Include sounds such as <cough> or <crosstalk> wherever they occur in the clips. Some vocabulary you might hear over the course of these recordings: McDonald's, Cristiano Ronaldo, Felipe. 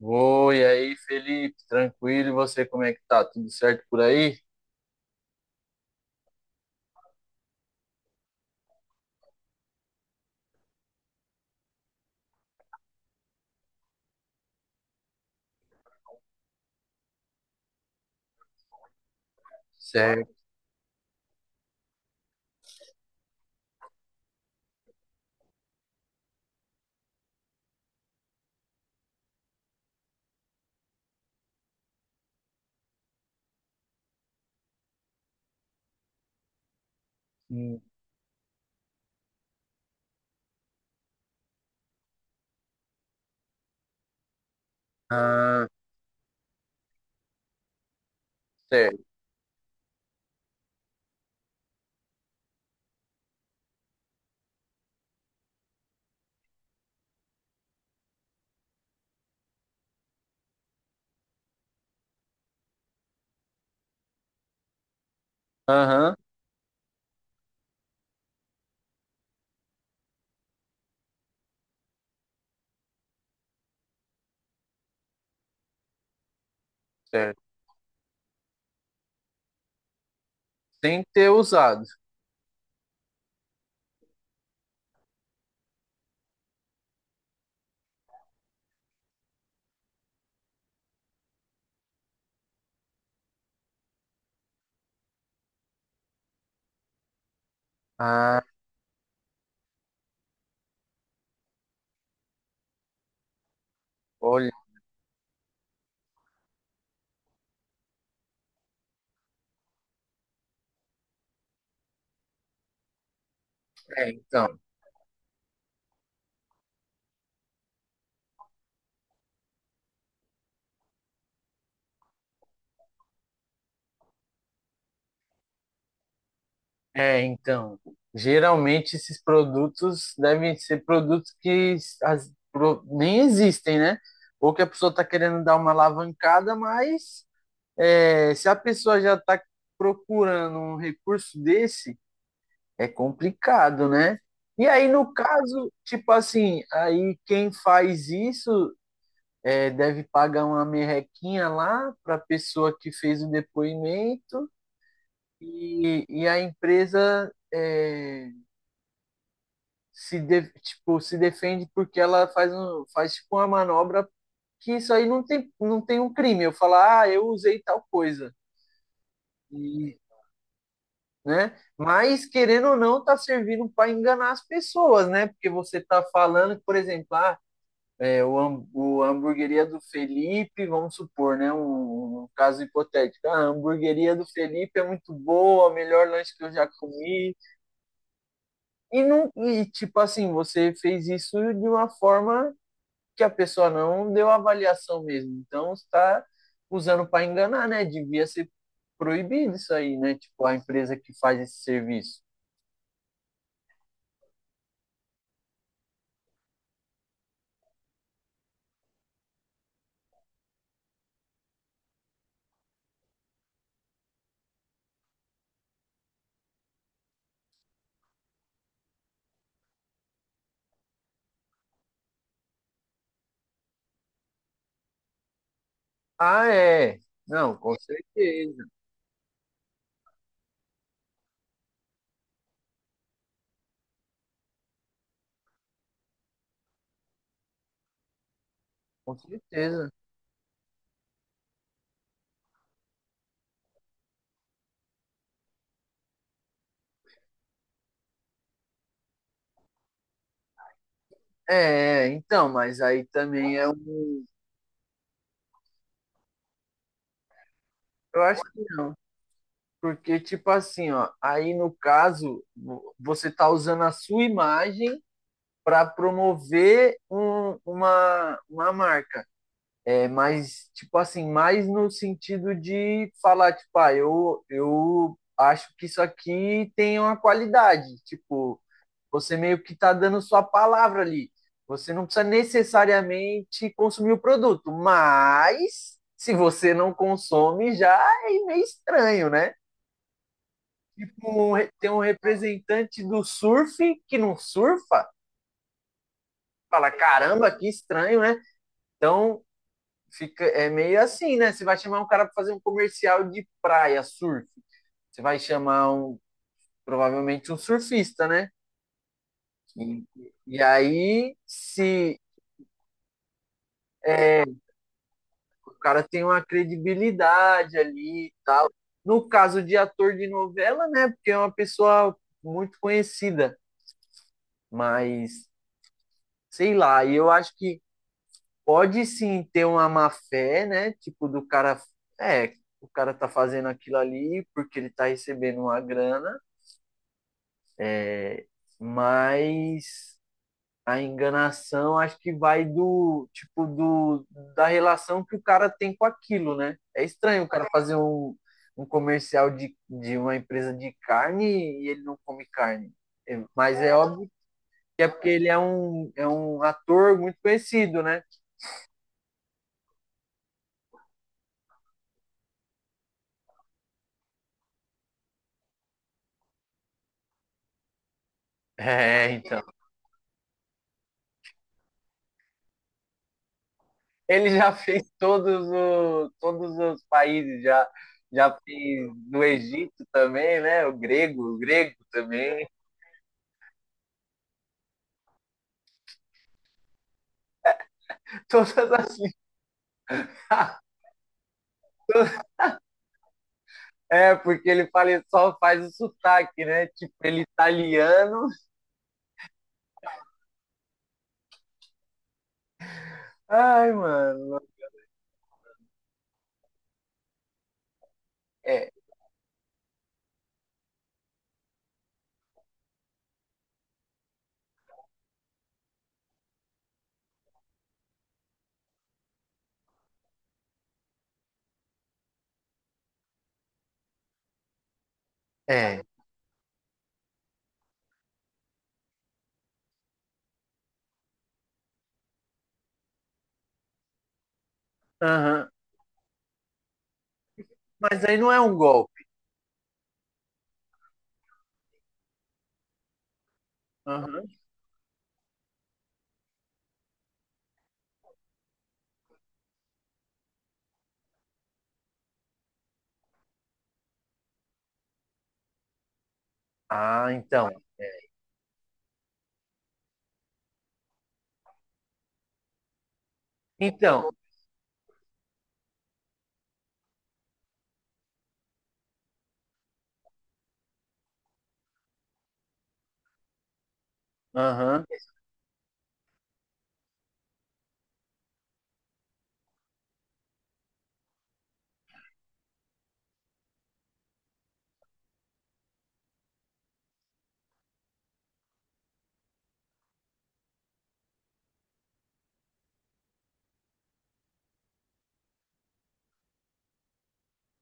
Oi, aí, Felipe, tranquilo? E você, como é que tá? Tudo certo por aí? Certo. Hum. Ah, certo. Aham, certo. Sem ter usado. Ah, olha, é, então. É, então, geralmente esses produtos devem ser produtos que nem existem, né? Ou que a pessoa tá querendo dar uma alavancada, mas se a pessoa já tá procurando um recurso desse. É complicado, né? E aí, no caso, tipo assim, aí quem faz isso deve pagar uma merrequinha lá para a pessoa que fez o depoimento e, a empresa se, tipo, se defende porque ela faz, faz tipo uma manobra que isso aí não tem, não tem um crime. Eu falar, ah, eu usei tal coisa. E, né? Mas, querendo ou não, tá servindo para enganar as pessoas, né? Porque você tá falando, por exemplo, ah, é, o, o hamburgueria do Felipe, vamos supor, né? Um caso hipotético. Ah, a hamburgueria do Felipe é muito boa, o melhor lanche que eu já comi. E, não, e, tipo assim, você fez isso de uma forma que a pessoa não deu avaliação mesmo. Então, você está usando para enganar, né? Devia ser proibido isso aí, né? Tipo, a empresa que faz esse serviço. Ah, é. Não, com certeza, com certeza. É, então, mas aí também é um. Eu acho que não. Porque tipo assim, ó, aí no caso, você tá usando a sua imagem para promover uma marca. É, mas tipo assim, mais no sentido de falar, tipo, ah, eu acho que isso aqui tem uma qualidade. Tipo, você meio que tá dando sua palavra ali. Você não precisa necessariamente consumir o produto, mas se você não consome, já é meio estranho, né? Tipo, tem um representante do surf que não surfa. Fala, caramba, que estranho, né? Então, fica, é meio assim, né? Você vai chamar um cara para fazer um comercial de praia, surf. Você vai chamar um, provavelmente um surfista, né? E, e aí, se o cara tem uma credibilidade ali e tal. No caso de ator de novela, né? Porque é uma pessoa muito conhecida, mas sei lá, e eu acho que pode sim ter uma má fé, né? Tipo, do cara. É, o cara tá fazendo aquilo ali porque ele tá recebendo uma grana, é, mas a enganação acho que vai do tipo do da relação que o cara tem com aquilo, né? É estranho o cara fazer um comercial de uma empresa de carne e ele não come carne. É. Mas é óbvio que é porque ele é é um ator muito conhecido, né? É, então. Ele já fez todos os países já, já fez no Egito também, né? O grego também. Todas as. <laughs> É, porque ele fala, ele só faz o sotaque, né? Tipo, ele é italiano. Ai, mano. É, é. Aham. Mas aí não é um golpe. Aham. Ah, então. Então, aham.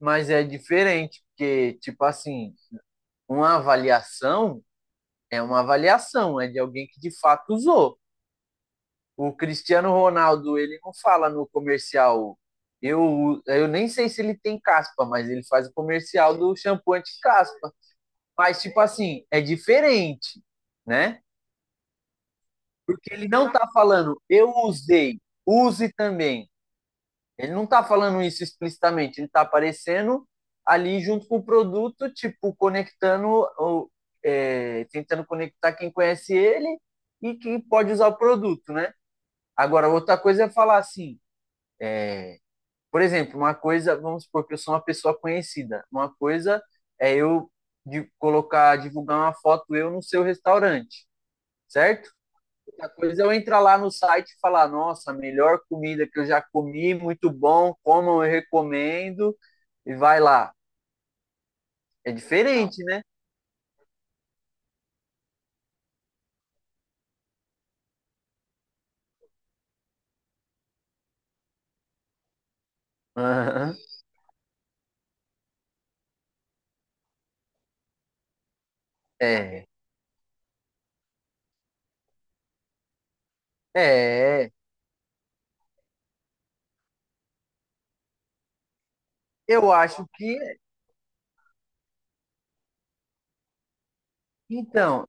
Mas é diferente, porque tipo assim, uma avaliação uma avaliação, é de alguém que de fato usou. O Cristiano Ronaldo, ele não fala no comercial. Eu nem sei se ele tem caspa, mas ele faz o comercial do shampoo anti-caspa. Mas tipo assim, é diferente, né? Porque ele não tá falando, eu usei, use também. Ele não tá falando isso explicitamente, ele tá aparecendo ali junto com o produto, tipo, conectando, ou, é, tentando conectar quem conhece ele e quem pode usar o produto, né? Agora, outra coisa é falar assim, por exemplo, uma coisa, vamos supor que eu sou uma pessoa conhecida. Uma coisa é eu de colocar, divulgar uma foto eu no seu restaurante, certo? Outra coisa é eu entrar lá no site e falar, nossa, a melhor comida que eu já comi, muito bom, comam, eu recomendo, e vai lá. É diferente, né? <laughs> Aham. É. É. Eu acho que. Então,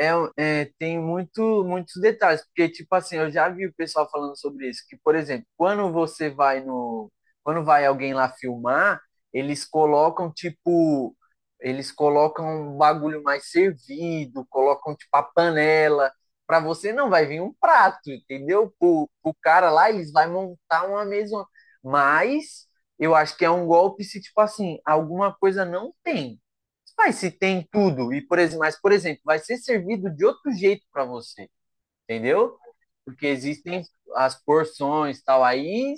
é, um, é, tem muito, muitos detalhes, porque tipo assim, eu já vi o pessoal falando sobre isso, que, por exemplo, quando você vai no, quando vai alguém lá filmar, eles colocam, tipo, eles colocam um bagulho mais servido, colocam, tipo, a panela, para você não vai vir um prato, entendeu? Pro, pro cara lá, eles vai montar uma mesa, mas eu acho que é um golpe se, tipo assim, alguma coisa não tem, mas se tem tudo, e por exemplo, mas por exemplo, vai ser servido de outro jeito para você, entendeu? Porque existem as porções tal, aí,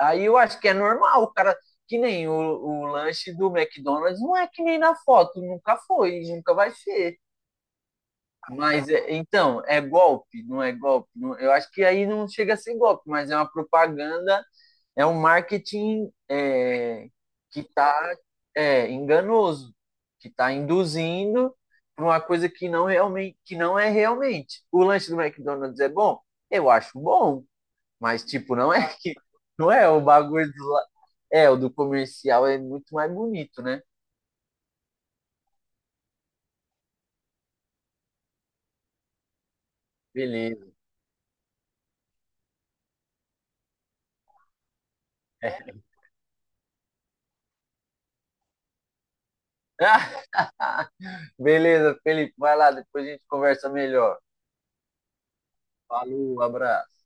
aí eu acho que é normal, o cara, que nem o, o lanche do McDonald's não é que nem na foto, nunca foi, nunca vai ser. Mas então, é golpe, não é golpe? Eu acho que aí não chega a ser golpe, mas é uma propaganda é um marketing que está é, enganoso, que está induzindo para uma coisa que não, realmente, que não é realmente. O lanche do McDonald's é bom? Eu acho bom, mas tipo, não é <laughs> que não é o bagulho do, é, o do comercial é muito mais bonito, né? Beleza. <laughs> Beleza, Felipe, vai lá, depois a gente conversa melhor. Falou, abraço.